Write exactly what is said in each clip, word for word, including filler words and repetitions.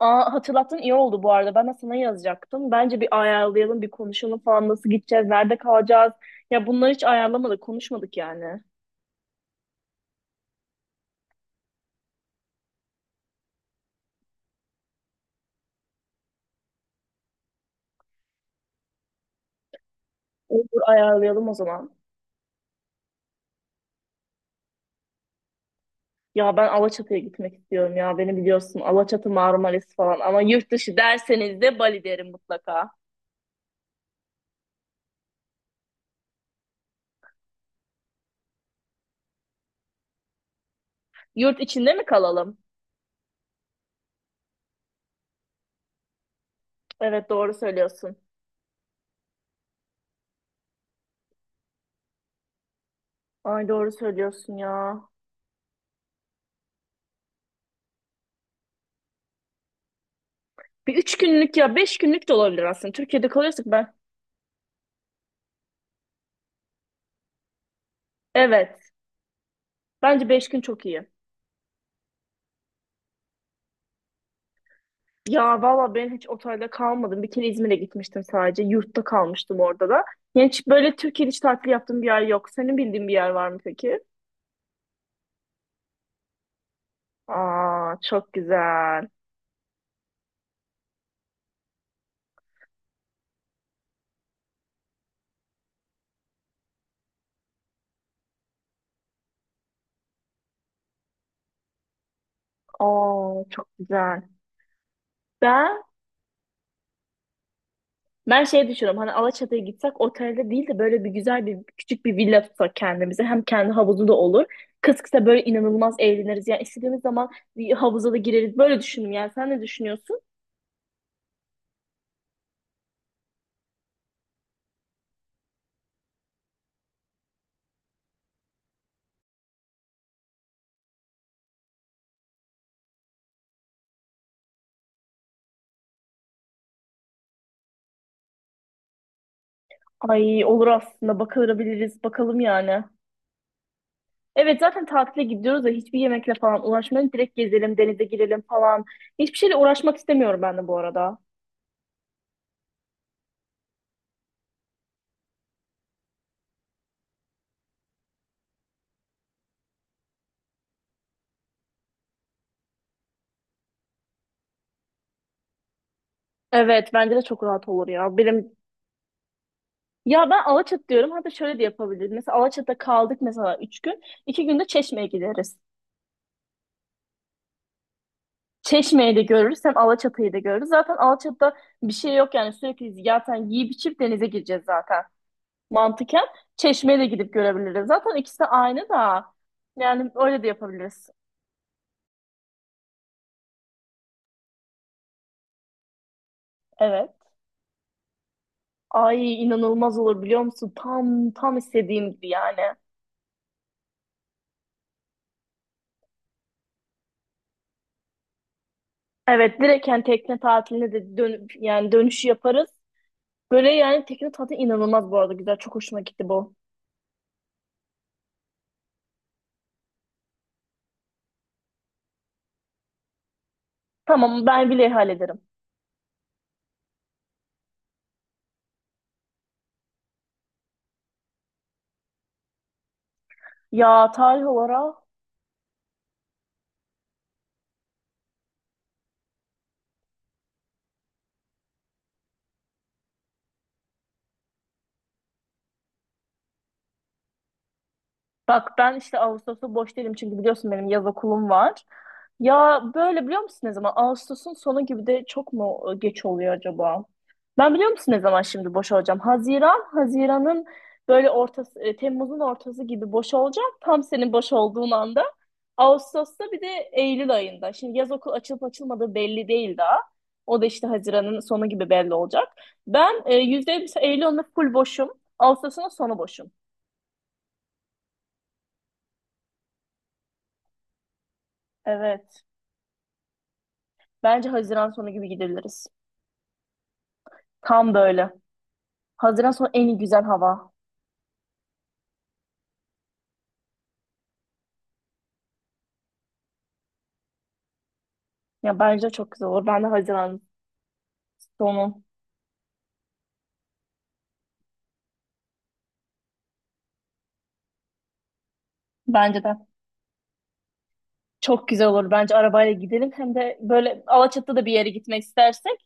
Aa, hatırlattın iyi oldu bu arada. Ben de sana yazacaktım. Bence bir ayarlayalım, bir konuşalım falan. Nasıl gideceğiz, nerede kalacağız? Ya bunları hiç ayarlamadık, konuşmadık yani. Olur ayarlayalım o zaman. Ya ben Alaçatı'ya gitmek istiyorum ya. Beni biliyorsun Alaçatı, Marmaris falan. Ama yurt dışı derseniz de Bali derim mutlaka. Yurt içinde mi kalalım? Evet doğru söylüyorsun. Ay doğru söylüyorsun ya. Bir üç günlük ya beş günlük de olabilir aslında. Türkiye'de kalıyorsak ben. Evet. Bence beş gün çok iyi. Ya valla ben hiç otelde kalmadım. Bir kere İzmir'e gitmiştim sadece. Yurtta kalmıştım orada da. Yani hiç böyle Türkiye'de hiç tatil yaptığım bir yer yok. Senin bildiğin bir yer var mı peki? Aa çok güzel. Aa çok güzel. Ben ben şey düşünüyorum. Hani Alaçatı'ya gitsek otelde değil de böyle bir güzel bir küçük bir villa tutsak kendimize. Hem kendi havuzu da olur. Kız kısa böyle inanılmaz eğleniriz. Yani istediğimiz zaman bir havuza da gireriz. Böyle düşündüm yani. Sen ne düşünüyorsun? Ay olur aslında. Bakılabiliriz. Bakalım yani. Evet zaten tatile gidiyoruz da hiçbir yemekle falan uğraşmayalım. Direkt gezelim, denize girelim falan. Hiçbir şeyle uğraşmak istemiyorum ben de bu arada. Evet bence de çok rahat olur ya. Benim ya ben Alaçatı diyorum. Hatta şöyle de yapabiliriz. Mesela Alaçatı'da kaldık mesela üç gün. İki günde Çeşme'ye gideriz. Çeşme'yi de görürüz hem Alaçatı'yı da görürüz. Zaten Alaçatı'da bir şey yok yani sürekli zaten yiyip içip denize gireceğiz zaten. Mantıken Çeşme'ye de gidip görebiliriz. Zaten ikisi de aynı da yani öyle de yapabiliriz. Evet. Ay inanılmaz olur biliyor musun? Tam tam istediğim gibi yani. Evet direkt yani tekne tatiline de dön yani dönüşü yaparız. Böyle yani tekne tatili inanılmaz bu arada güzel. Çok hoşuma gitti bu. Tamam ben bile hallederim. Ya tarih olarak bak ben işte Ağustos'ta boş değilim çünkü biliyorsun benim yaz okulum var. Ya böyle biliyor musun ne zaman? Ağustos'un sonu gibi de çok mu e, geç oluyor acaba? Ben biliyor musun ne zaman şimdi boş olacağım? Haziran, Haziran'ın böyle ortası, e, Temmuz'un ortası gibi boş olacağım. Tam senin boş olduğun anda. Ağustos'ta bir de Eylül ayında. Şimdi yaz okul açılıp açılmadığı belli değil daha. O da işte Haziran'ın sonu gibi belli olacak. Ben e, yüzde elli Eylül ayında full boşum. Ağustos'un sonu boşum. Evet. Bence Haziran sonu gibi gidiliriz. Tam böyle. Haziran sonu en iyi güzel hava. Ya bence çok güzel olur. Ben de Haziran sonu. Bence de. Çok güzel olur. Bence arabayla gidelim. Hem de böyle Alaçatı'da bir yere gitmek istersek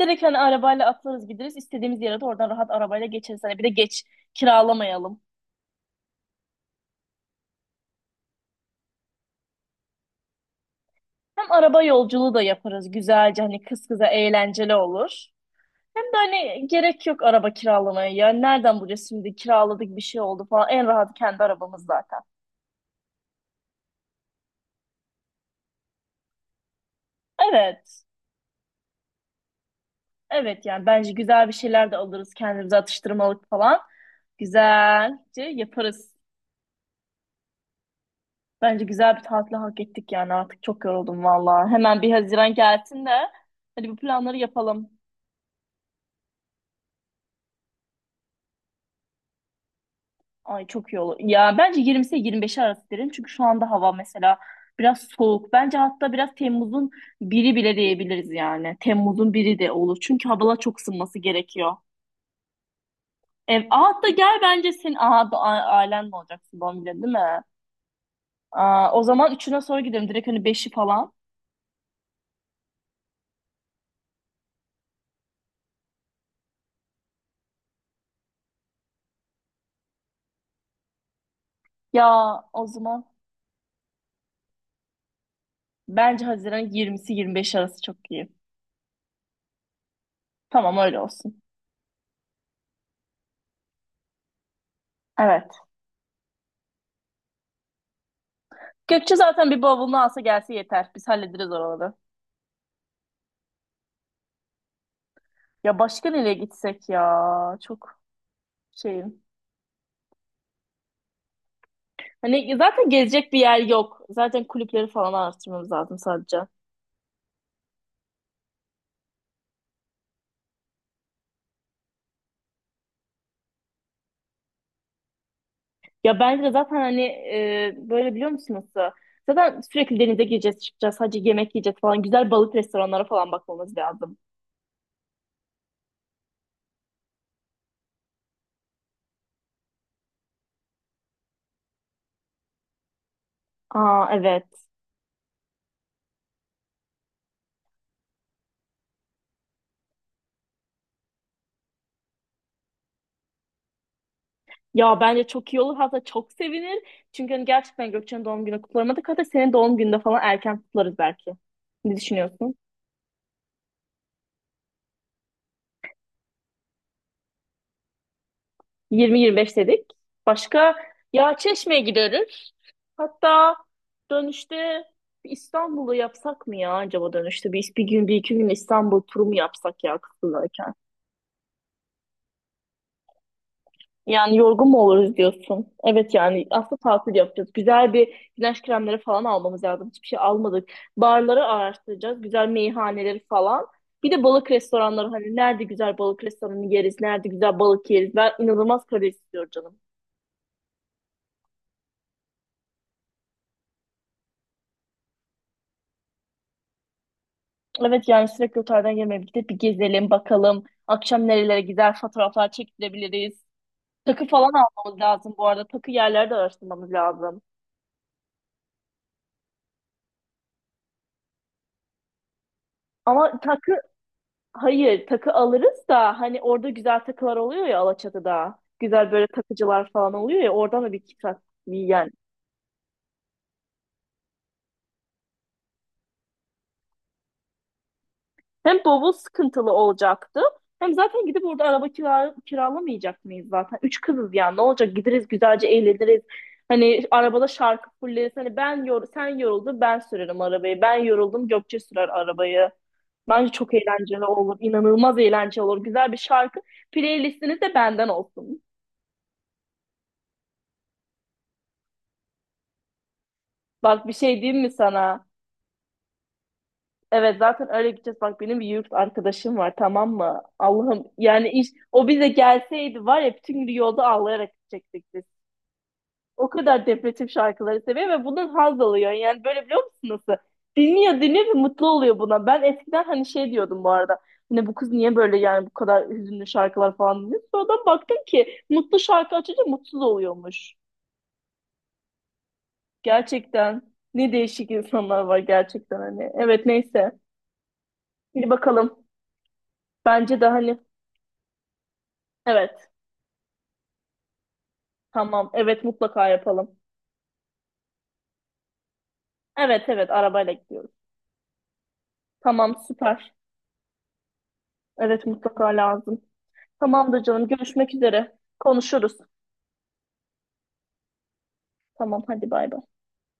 direkt hani arabayla atlarız gideriz. İstediğimiz yere de oradan rahat arabayla geçeriz. Hani bir de geç kiralamayalım. Hem araba yolculuğu da yaparız. Güzelce hani kız kıza eğlenceli olur. Hem de hani gerek yok araba kiralamaya. Ya nereden bulacağız şimdi kiraladık bir şey oldu falan. En rahat kendi arabamız zaten. Evet. Evet yani bence güzel bir şeyler de alırız kendimize atıştırmalık falan. Güzelce yaparız. Bence güzel bir tatil hak ettik yani artık çok yoruldum valla. Hemen bir Haziran gelsin de hadi bu planları yapalım. Ay çok iyi olur. Ya bence yirmisi yirmi beşi arası derim çünkü şu anda hava mesela biraz soğuk. Bence hatta biraz Temmuz'un biri bile diyebiliriz yani. Temmuz'un biri de olur çünkü havalar çok ısınması gerekiyor. Ev, Aa, hatta gel bence senin aa, bu a- ailen mi olacaksın doğum günü değil mi? Aa, o zaman üçüne sonra gidelim direkt hani beşi falan. Ya o zaman Bence Haziran yirmisi yirmi beş arası çok iyi. Tamam öyle olsun. Evet. Gökçe zaten bir bavulunu alsa gelse yeter. Biz hallederiz oraları. Ya başka nereye gitsek ya? Çok şeyim. Hani zaten gezecek bir yer yok. Zaten kulüpleri falan araştırmamız lazım sadece. Ya bence de zaten hani e, böyle biliyor musunuz? da, Zaten sürekli denize gireceğiz, çıkacağız. Sadece yemek yiyeceğiz falan. Güzel balık restoranlara falan bakmamız lazım. Aa evet. Ya bence çok iyi olur hatta çok sevinir. Çünkü hani gerçekten Gökçen'in doğum günü kutlamadık. Hatta senin doğum gününde falan erken kutlarız belki. Ne düşünüyorsun? yirmi yirmi beş dedik. Başka ya Çeşme'ye gideriz. Hatta dönüşte bir İstanbul'u yapsak mı ya acaba dönüşte? Bir, bir gün, bir iki gün İstanbul turu mu yapsak ya kısımdayken? Yani yorgun mu oluruz diyorsun. Evet yani aslında tatil yapacağız. Güzel bir güneş kremleri falan almamız lazım. Hiçbir şey almadık. Barları araştıracağız. Güzel meyhaneleri falan. Bir de balık restoranları hani nerede güzel balık restoranı yeriz, nerede güzel balık yeriz. Ben inanılmaz kare istiyorum canım. Evet yani sürekli otelden yemeğe gidip bir gezelim bakalım. Akşam nerelere gider fotoğraflar çektirebiliriz. Takı falan almamız lazım bu arada. Takı yerlerde araştırmamız lazım. Ama takı Hayır, takı alırız da hani orada güzel takılar oluyor ya Alaçatı'da. Güzel böyle takıcılar falan oluyor ya oradan da bir kitap yani. Hem bavul sıkıntılı olacaktı. Hem zaten gidip orada araba kira kiralamayacak mıyız zaten? Üç kızız yani ne olacak gideriz güzelce eğleniriz. Hani arabada şarkı fulleriz. Hani ben yor sen yoruldun ben sürerim arabayı. Ben yoruldum Gökçe sürer arabayı. Bence çok eğlenceli olur. inanılmaz eğlenceli olur. Güzel bir şarkı. Playlistiniz de benden olsun. Bak bir şey diyeyim mi sana? Evet zaten öyle gideceğiz. Bak benim bir yurt arkadaşım var tamam mı? Allah'ım yani iş o bize gelseydi var ya bütün gün yolda ağlayarak gidecektik biz. O kadar depresif şarkıları seviyor ve bundan haz alıyor. Yani böyle biliyor musun nasıl? Dinliyor dinliyor ve mutlu oluyor buna. Ben eskiden hani şey diyordum bu arada. Hani bu kız niye böyle yani bu kadar hüzünlü şarkılar falan dinliyor. Sonradan baktım ki mutlu şarkı açınca mutsuz oluyormuş. Gerçekten ne değişik insanlar var gerçekten hani. Evet neyse. Bir bakalım. Bence de hani evet. Tamam. Evet mutlaka yapalım. Evet evet arabayla gidiyoruz. Tamam süper. Evet mutlaka lazım. Tamamdır canım görüşmek üzere. Konuşuruz. Tamam hadi bay bay.